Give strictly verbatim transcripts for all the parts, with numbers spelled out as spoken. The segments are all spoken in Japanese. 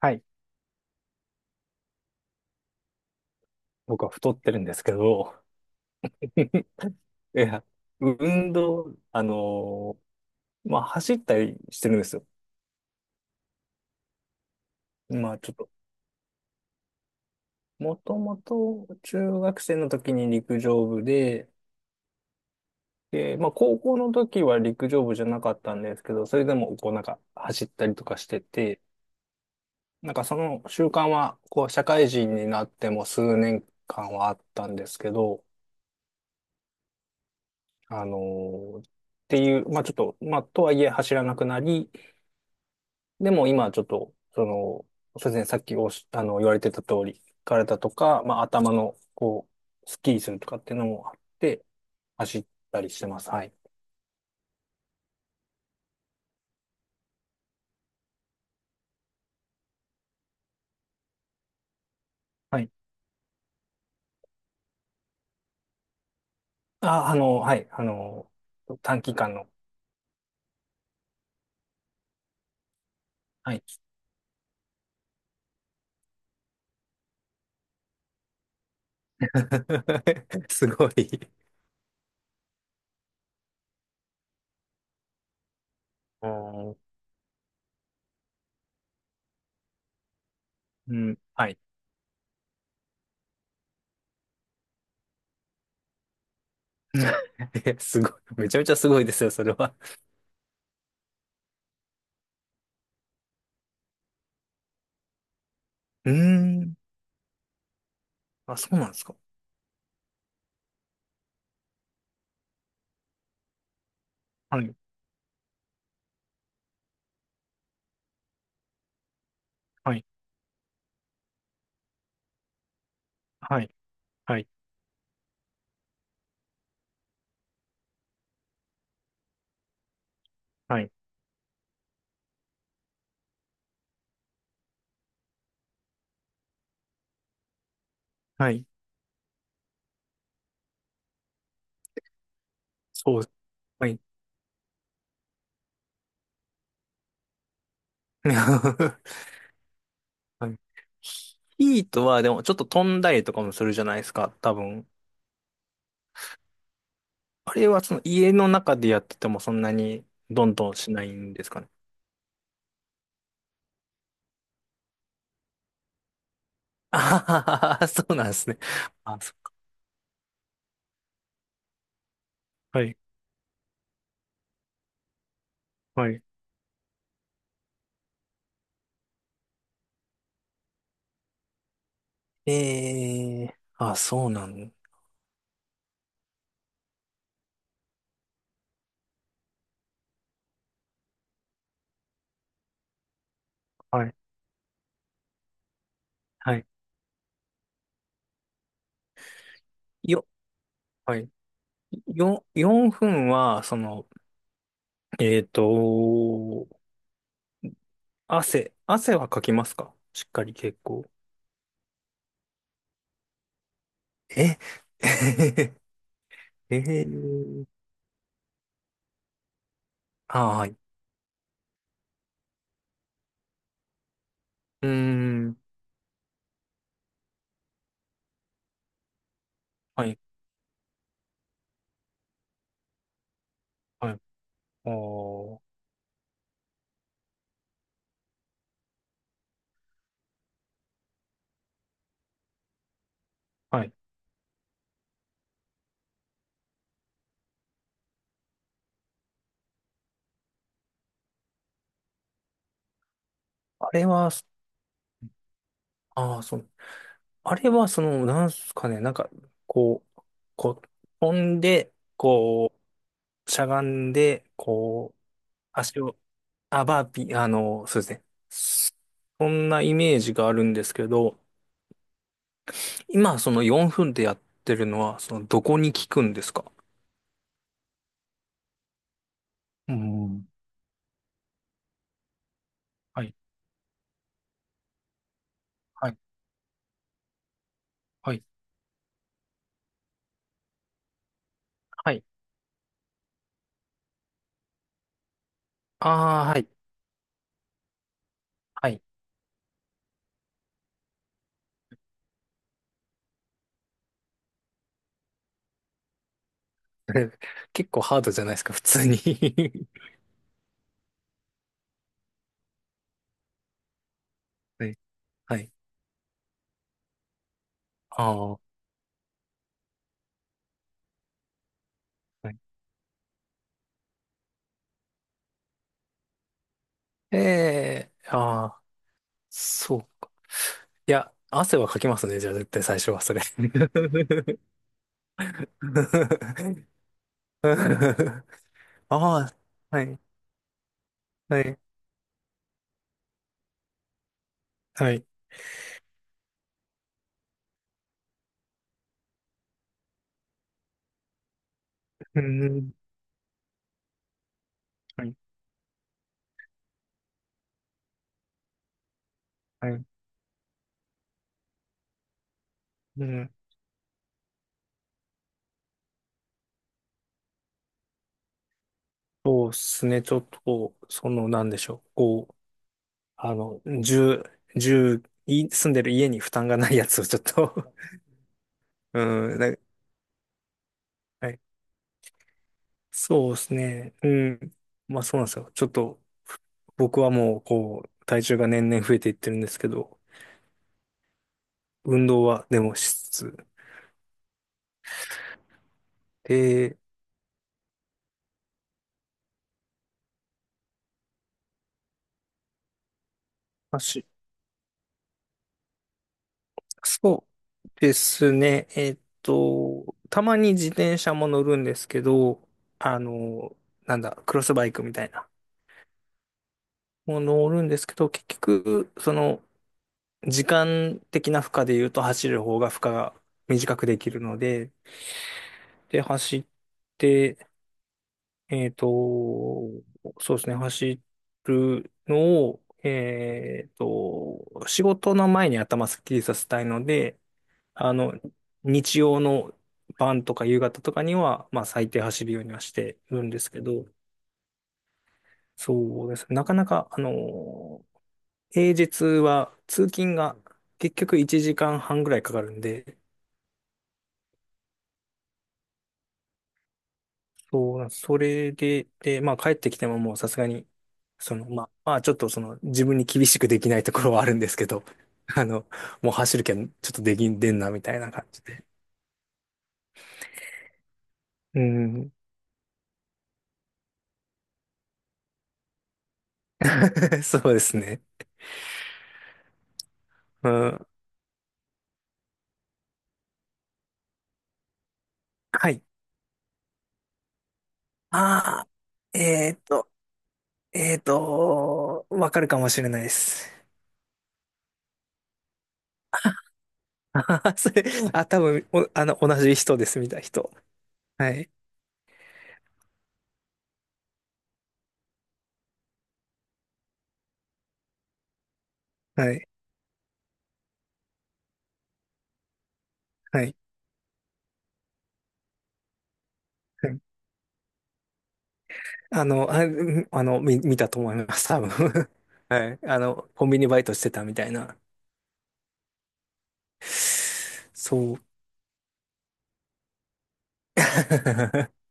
はい。僕は太ってるんですけど、いや、運動、あのーまあ、走ったりしてるんですよ。まあ、ちょっと、もともと中学生の時に陸上部で、で、まあ、高校の時は陸上部じゃなかったんですけど、それでも、こう、なんか、走ったりとかしてて、なんかその習慣は、こう、社会人になっても数年間はあったんですけど、あのーっていう、まあ、ちょっと、まあ、とはいえ走らなくなり、でも今ちょっと、その、そうですね、さっきおし、あの、言われてた通り、体とか、まあ頭の、こう、スッキリするとかっていうのもあって、走ったりしてます。はい。はい。あ、あの、はい。あの、短期間の。はい。すごい。うん、うん、はい。え、すごい。めちゃめちゃすごいですよ、それは。うーん。あ、そうなんですか。はい。はい。はい。はい。はい。はい、そう。はい。はい。ヒートはでもちょっと飛んだりとかもするじゃないですか、多分。あれはその家の中でやっててもそんなにどんどんしないんですかね。ああ、そうなんですね。あ、そっか。はい。はい。えー、あ、そうなの。はい。はい。よ、はい。よ、よんぷんは、その、えっと、汗、汗はかきますか、しっかり、結構？え えー、あ、はい。うーん。はい。はい、おーはい。あれは、ああ、そう。あれは、その、なんすかね、なんか、こう、こう、飛んで、こう、しゃがんで、こう、足を、あ、バーピー、あの、そうですね。そそんなイメージがあるんですけど、今、そのよんぷんでやってるのは、その、どこに効くんですか？うん。はい、はい、はい、はい。ああ、はい、はい。結構ハードじゃないですか、普通に？ はい、はい。ああ。ええ、ああ、そう。いや、汗はかきますね、じゃあ絶対最初はそれ。ああ、はい、はい、はい。うん、はい、はい。うん、そうですね、ちょっとこう、その、なんでしょう、こう、あの、住、住、い住んでる家に負担がないやつをちょっと。 うん、なはい。そうですね、うん。まあそうなんですよ。ちょっと、僕はもう、こう、体重が年々増えていってるんですけど、運動はでもしつつ。で、走。そうですね。えっと、たまに自転車も乗るんですけど、あの、なんだ、クロスバイクみたいな。もう乗るんですけど、結局、その、時間的な負荷で言うと走る方が負荷が短くできるので、で、走って、えっと、そうですね、走るのを、えっと、仕事の前に頭すっきりさせたいので、あの、日曜の晩とか夕方とかには、まあ最低走るようにはしてるんですけど、そうですね。なかなか、あの、平日は通勤が結局いちじかんはんぐらいかかるんで、そうなんです、それで、で、まあ帰ってきてももうさすがに、その、まあ、まあちょっとその自分に厳しくできないところはあるんですけど、あの、もう走るけん、ちょっとできんでんなみたいな感じで。うん。そうですね。うん。はい。ああ、えーっと、えーっと、わかるかもしれないです。あはは、それ、あ、多分、お、あの、同じ人です、見た人。はい、はい、はい。はい、あの、あ、うん、あの、見、見たと思います、多分。はい。あの、コンビニバイトしてたみたいな。そう。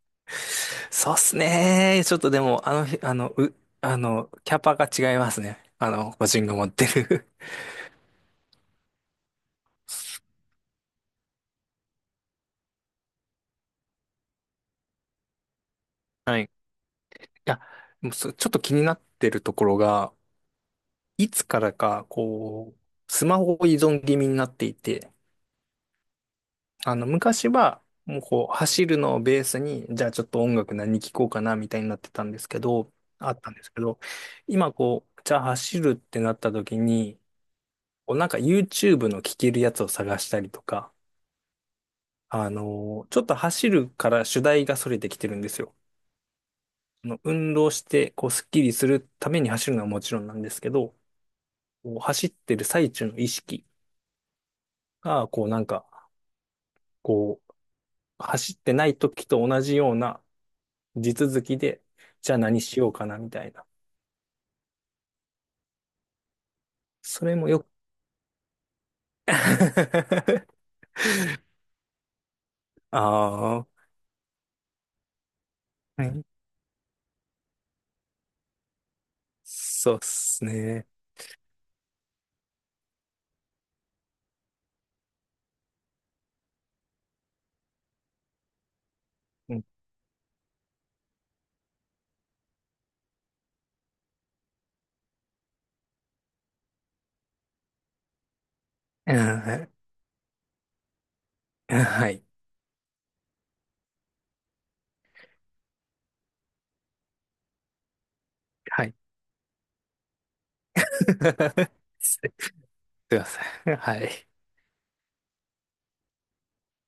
そうっすね。ちょっとでも、あの日、あの、う、あの、キャパが違いますね。あの、個人が持ってる。はい、いや、もう、そちょっと気になってるところが、いつからか、こう、スマホ依存気味になっていて、あの、昔は、もうこう、走るのをベースに、じゃあちょっと音楽何聴こうかな、みたいになってたんですけど、あったんですけど、今こう、じゃあ走るってなった時に、こうなんか YouTube の聴けるやつを探したりとか、あの、ちょっと走るから主題がそれてきてるんですよ。あの運動して、こう、スッキリするために走るのはもちろんなんですけど、こう走ってる最中の意識が、こうなんか、こう、走ってない時と同じような地続きで、じゃあ何しようかなみたいな。それもよく。 ああ、はい。そうっすね。うん、うん。 はい。はい。はい。すいません。はい。